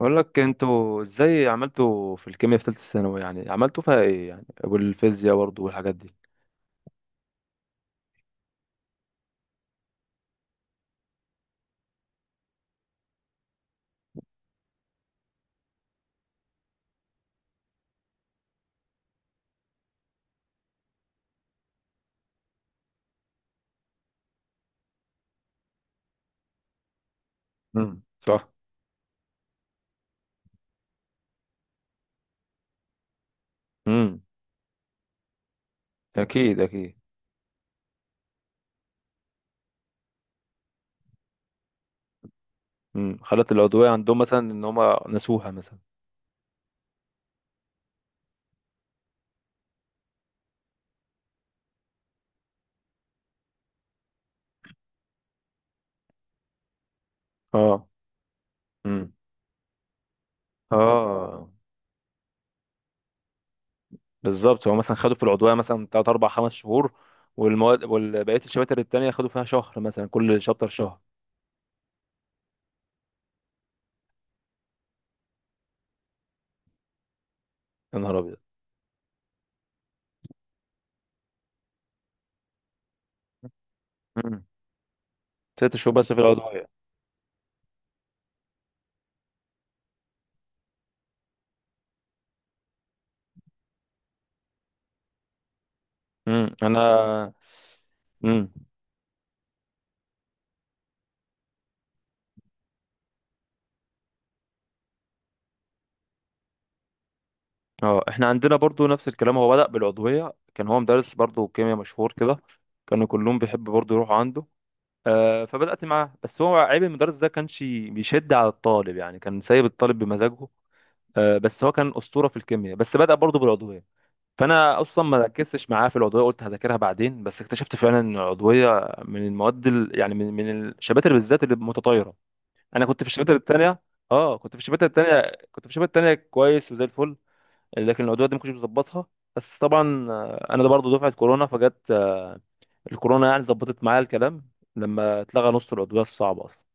بقول لك انتوا ازاي عملتوا في الكيمياء في ثالثه ثانوي، يعني عملتوا فيها ايه يعني، والفيزياء برضو والحاجات دي؟ صح. امم. اكيد اكيد. خلت العضويه عندهم مثلا ان هم نسوها مثلا. اه. امم. اه. بالظبط، هو مثلا خدوا في العضويه مثلا 3 4 5 شهور. والمواد والبقيه الشباتر التانية خدوا فيها شهر مثلا، كل شابتر شهر. يا نهار ابيض! امم. ست شهور بس في العضويه. امم، انا. امم. اه. احنا عندنا برضو نفس الكلام، هو بدأ بالعضوية. كان هو مدرس برضو كيمياء مشهور كده. كانوا كلهم بيحب برضو يروحوا عنده. فبدأت معاه، بس هو عيب المدرس ده كانش بيشد على الطالب، يعني كان سايب الطالب بمزاجه. بس هو كان أسطورة في الكيمياء، بس بدأ برضو بالعضوية. فأنا أصلا ما ركزتش معاه في العضوية، قلت هذاكرها بعدين. بس اكتشفت فعلا إن العضوية من المواد يعني من الشباتر بالذات اللي متطايرة. أنا كنت في الشباتر التانية. اه كنت في الشباتر التانية. كنت في الشباتر التانية كويس وزي الفل. لكن العدويات دي ما كنتش بظبطها. بس طبعا انا ده برضه دفعه كورونا فجت الكورونا، يعني ظبطت معايا الكلام لما اتلغى نص العضويات الصعبه اصلا.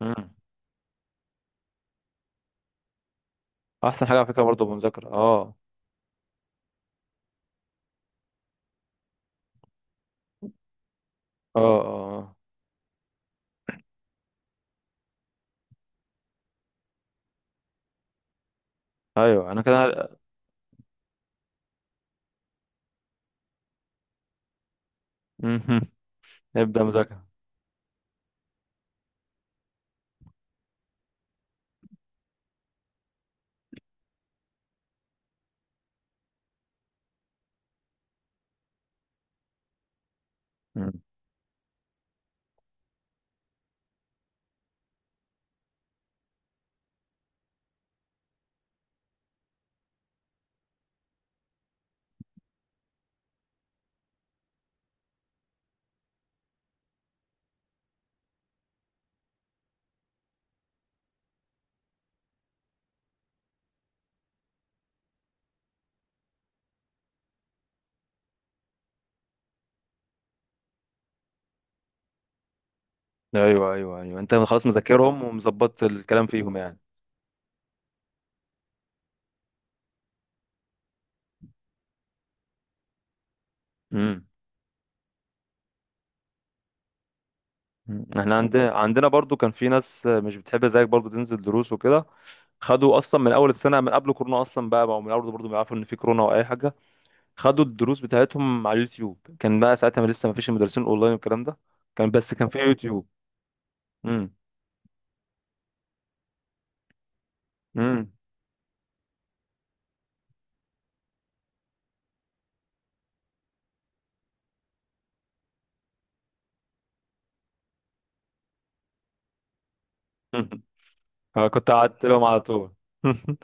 مم. احسن حاجه على فكره، برضه بمذاكره اه. اه اه. آه. ايوه انا كده. مهم. نبدا مذاكره. مم. ايوه ايوه ايوه، انت خلاص مذاكرهم ومظبط الكلام فيهم يعني. امم. احنا عندنا برضو كان في ناس مش بتحب زيك برضو تنزل دروس وكده. خدوا اصلا من اول السنه من قبل كورونا اصلا بقى، بقوا من اول برضو بيعرفوا ان في كورونا او اي حاجه. خدوا الدروس بتاعتهم على اليوتيوب. كان بقى ساعتها ما لسه ما فيش المدرسين اونلاين والكلام ده، كان بس كان في يوتيوب. امم. امم. أنا كنت قعدت لهم على طول.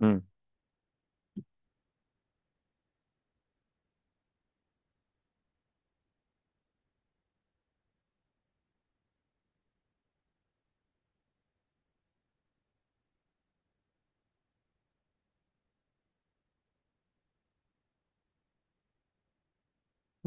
مم.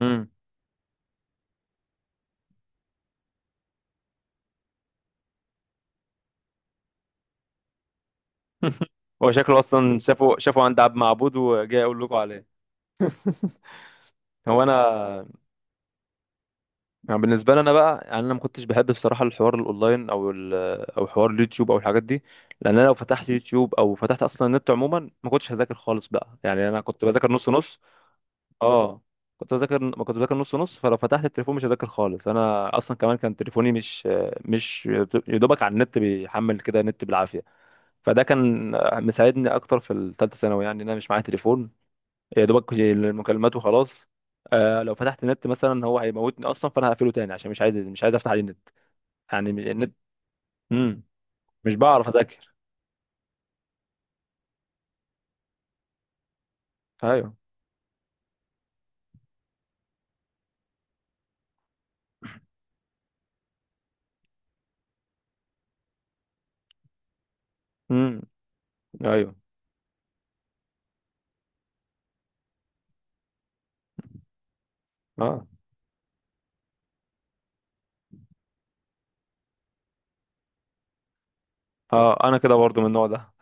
مم. هو شكله اصلا شافوا عند عبد معبود وجاي اقول لكم عليه. هو انا يعني بالنسبه لي انا بقى، يعني انا ما كنتش بحب بصراحه الحوار الاونلاين او او حوار اليوتيوب او الحاجات دي. لان انا لو فتحت يوتيوب او فتحت اصلا النت عموما ما كنتش هذاكر خالص بقى، يعني انا كنت بذاكر نص نص. اه. كنت بذاكر، ما كنت بذاكر نص نص، فلو فتحت التليفون مش هذاكر خالص. انا اصلا كمان كان تليفوني مش يدوبك على النت، بيحمل كده نت بالعافيه. فده كان مساعدني اكتر في الثالثه ثانوي، يعني ان انا مش معايا تليفون. يا دوبك المكالمات وخلاص. لو فتحت النت مثلا هو هيموتني اصلا، فانا هقفله تاني عشان مش عايز، مش عايز افتح عليه النت، يعني النت. امم. مش بعرف اذاكر. ايوه. امم. ايوه. اه اه، انا كده برضو من النوع ده.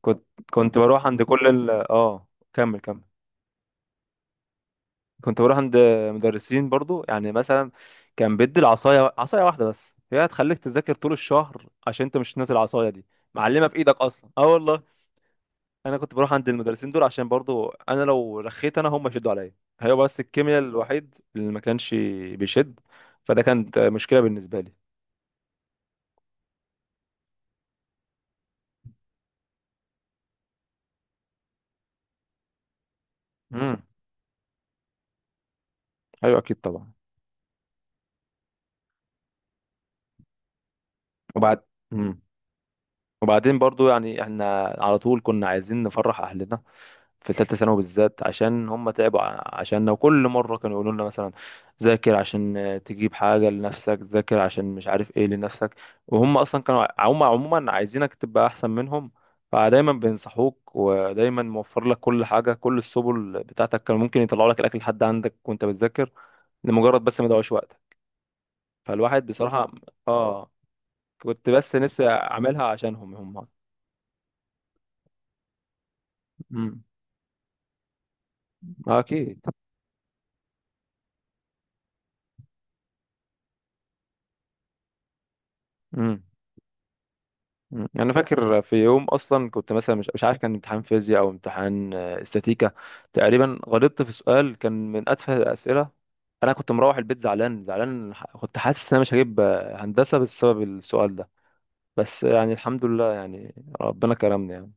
كنت كنت بروح عند كل ال اه. كمل كمل. كنت بروح عند مدرسين برضو، يعني مثلا كان بيدي العصايه، عصايه واحده بس هي هتخليك تذاكر طول الشهر عشان انت مش ناسي العصايه دي. معلمه في ايدك اصلا، اه والله. انا كنت بروح عند المدرسين دول عشان برضو انا لو رخيت انا هم يشدوا عليا. هي بس الكيمياء الوحيد اللي ما كانش بيشد، فده كانت مشكله بالنسبه لي. امم. ايوه اكيد طبعا. وبعد وبعدين برضو، يعني احنا على طول كنا عايزين نفرح اهلنا في ثالثه ثانوي بالذات، عشان هم تعبوا عشاننا. وكل مره كانوا يقولوا لنا مثلا ذاكر عشان تجيب حاجه لنفسك، ذاكر عشان مش عارف ايه لنفسك. وهم اصلا كانوا هم عموما عايزينك تبقى احسن منهم. فدايما بينصحوك، ودايما موفر لك كل حاجه، كل السبل بتاعتك. كانوا ممكن يطلعوا لك الاكل لحد عندك وانت بتذاكر لمجرد بس ما يضيعوش وقتك. فالواحد بصراحه بالظبط، اه، كنت بس نفسي اعملها عشانهم هم. مم. آه، اكيد. امم. أمم. انا فاكر في يوم اصلا، كنت مثلا مش عارف كان امتحان فيزياء او امتحان استاتيكا. تقريبا غلطت في سؤال كان من اتفه الاسئله. انا كنت مروح البيت زعلان زعلان، كنت حاسس ان انا مش هجيب هندسه بسبب السؤال ده. بس يعني الحمد لله يعني، ربنا كرمني يعني.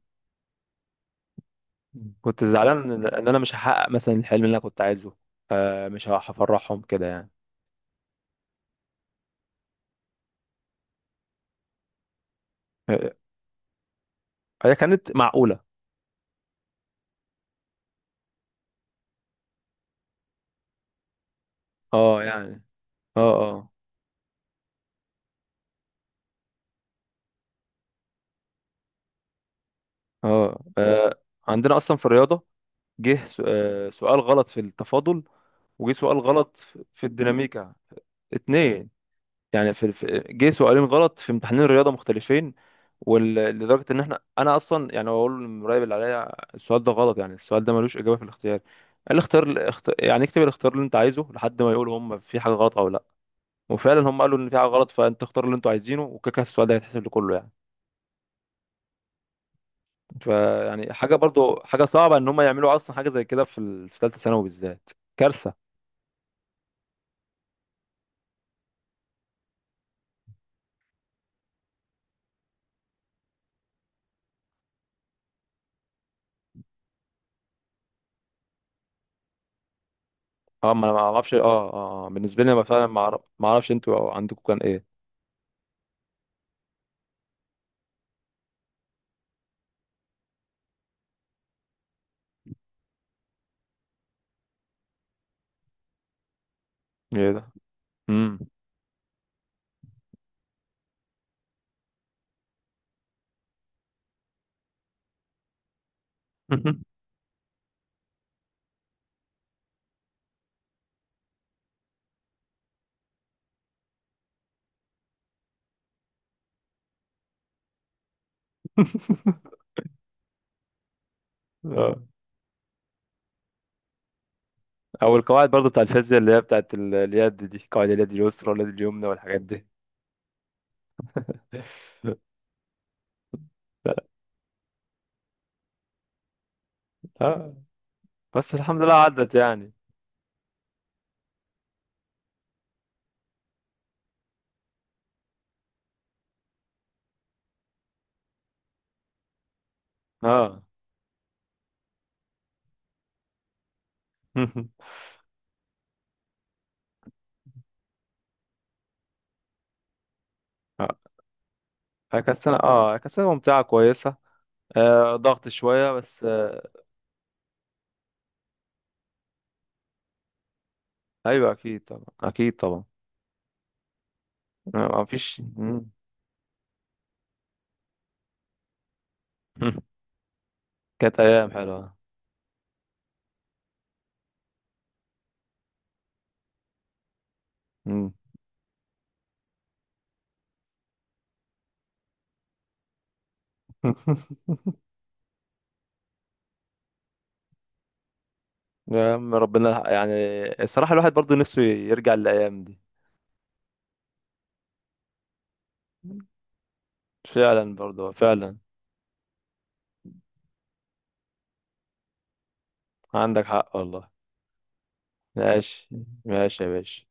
أمم. كنت زعلان ان انا مش هحقق مثلا الحلم اللي انا كنت عايزه، مش هفرحهم كده يعني. آه، هي كانت معقوله. اه يعني. اه اه اه. آه، عندنا اصلا في الرياضه جه سؤال غلط في التفاضل، وجه سؤال غلط في الديناميكا، اتنين. يعني جه سؤالين غلط في امتحانين رياضة مختلفين. لدرجة ان انا اصلا يعني بقول للمراقب اللي عليا السؤال ده غلط، يعني السؤال ده ملوش اجابة في الاختيار. قال لي اختار يعني اكتب الاختيار اللي انت عايزه لحد ما يقولوا هم في حاجة غلط او لا. وفعلا هم قالوا ان في حاجة غلط، فانت اختار اللي انتوا عايزينه وكده كده السؤال ده هيتحسب لكله يعني. فيعني حاجة، برضو حاجة صعبة ان هم يعملوا اصلا حاجة زي كده في في ثالثة ثانوي بالذات. كارثة. اه، ما انا ما اعرفش، اه. اه. آه. بالنسبه لي انا فعلا ما اعرفش انتوا عندكم كان ايه. ايه ده. امم. اه. او القواعد برضو بتاع الفيزياء، اللي هي بتاعت اليد دي، قواعد اليد اليسرى واليد اليمنى والحاجات دي. اه بس الحمد لله عدت يعني. اه. اه، كانت سنة ممتعة كويسة. ضغط شوية بس. ايوه اكيد طبعا اكيد طبعا. ما فيش. مم. كانت ايام حلوة. مم. يا عم ربنا يلحق، يعني الصراحة الواحد برضه نفسه يرجع للأيام دي. فعلا برضه فعلا. عندك حق والله. ماشي. ماشي يا باشا.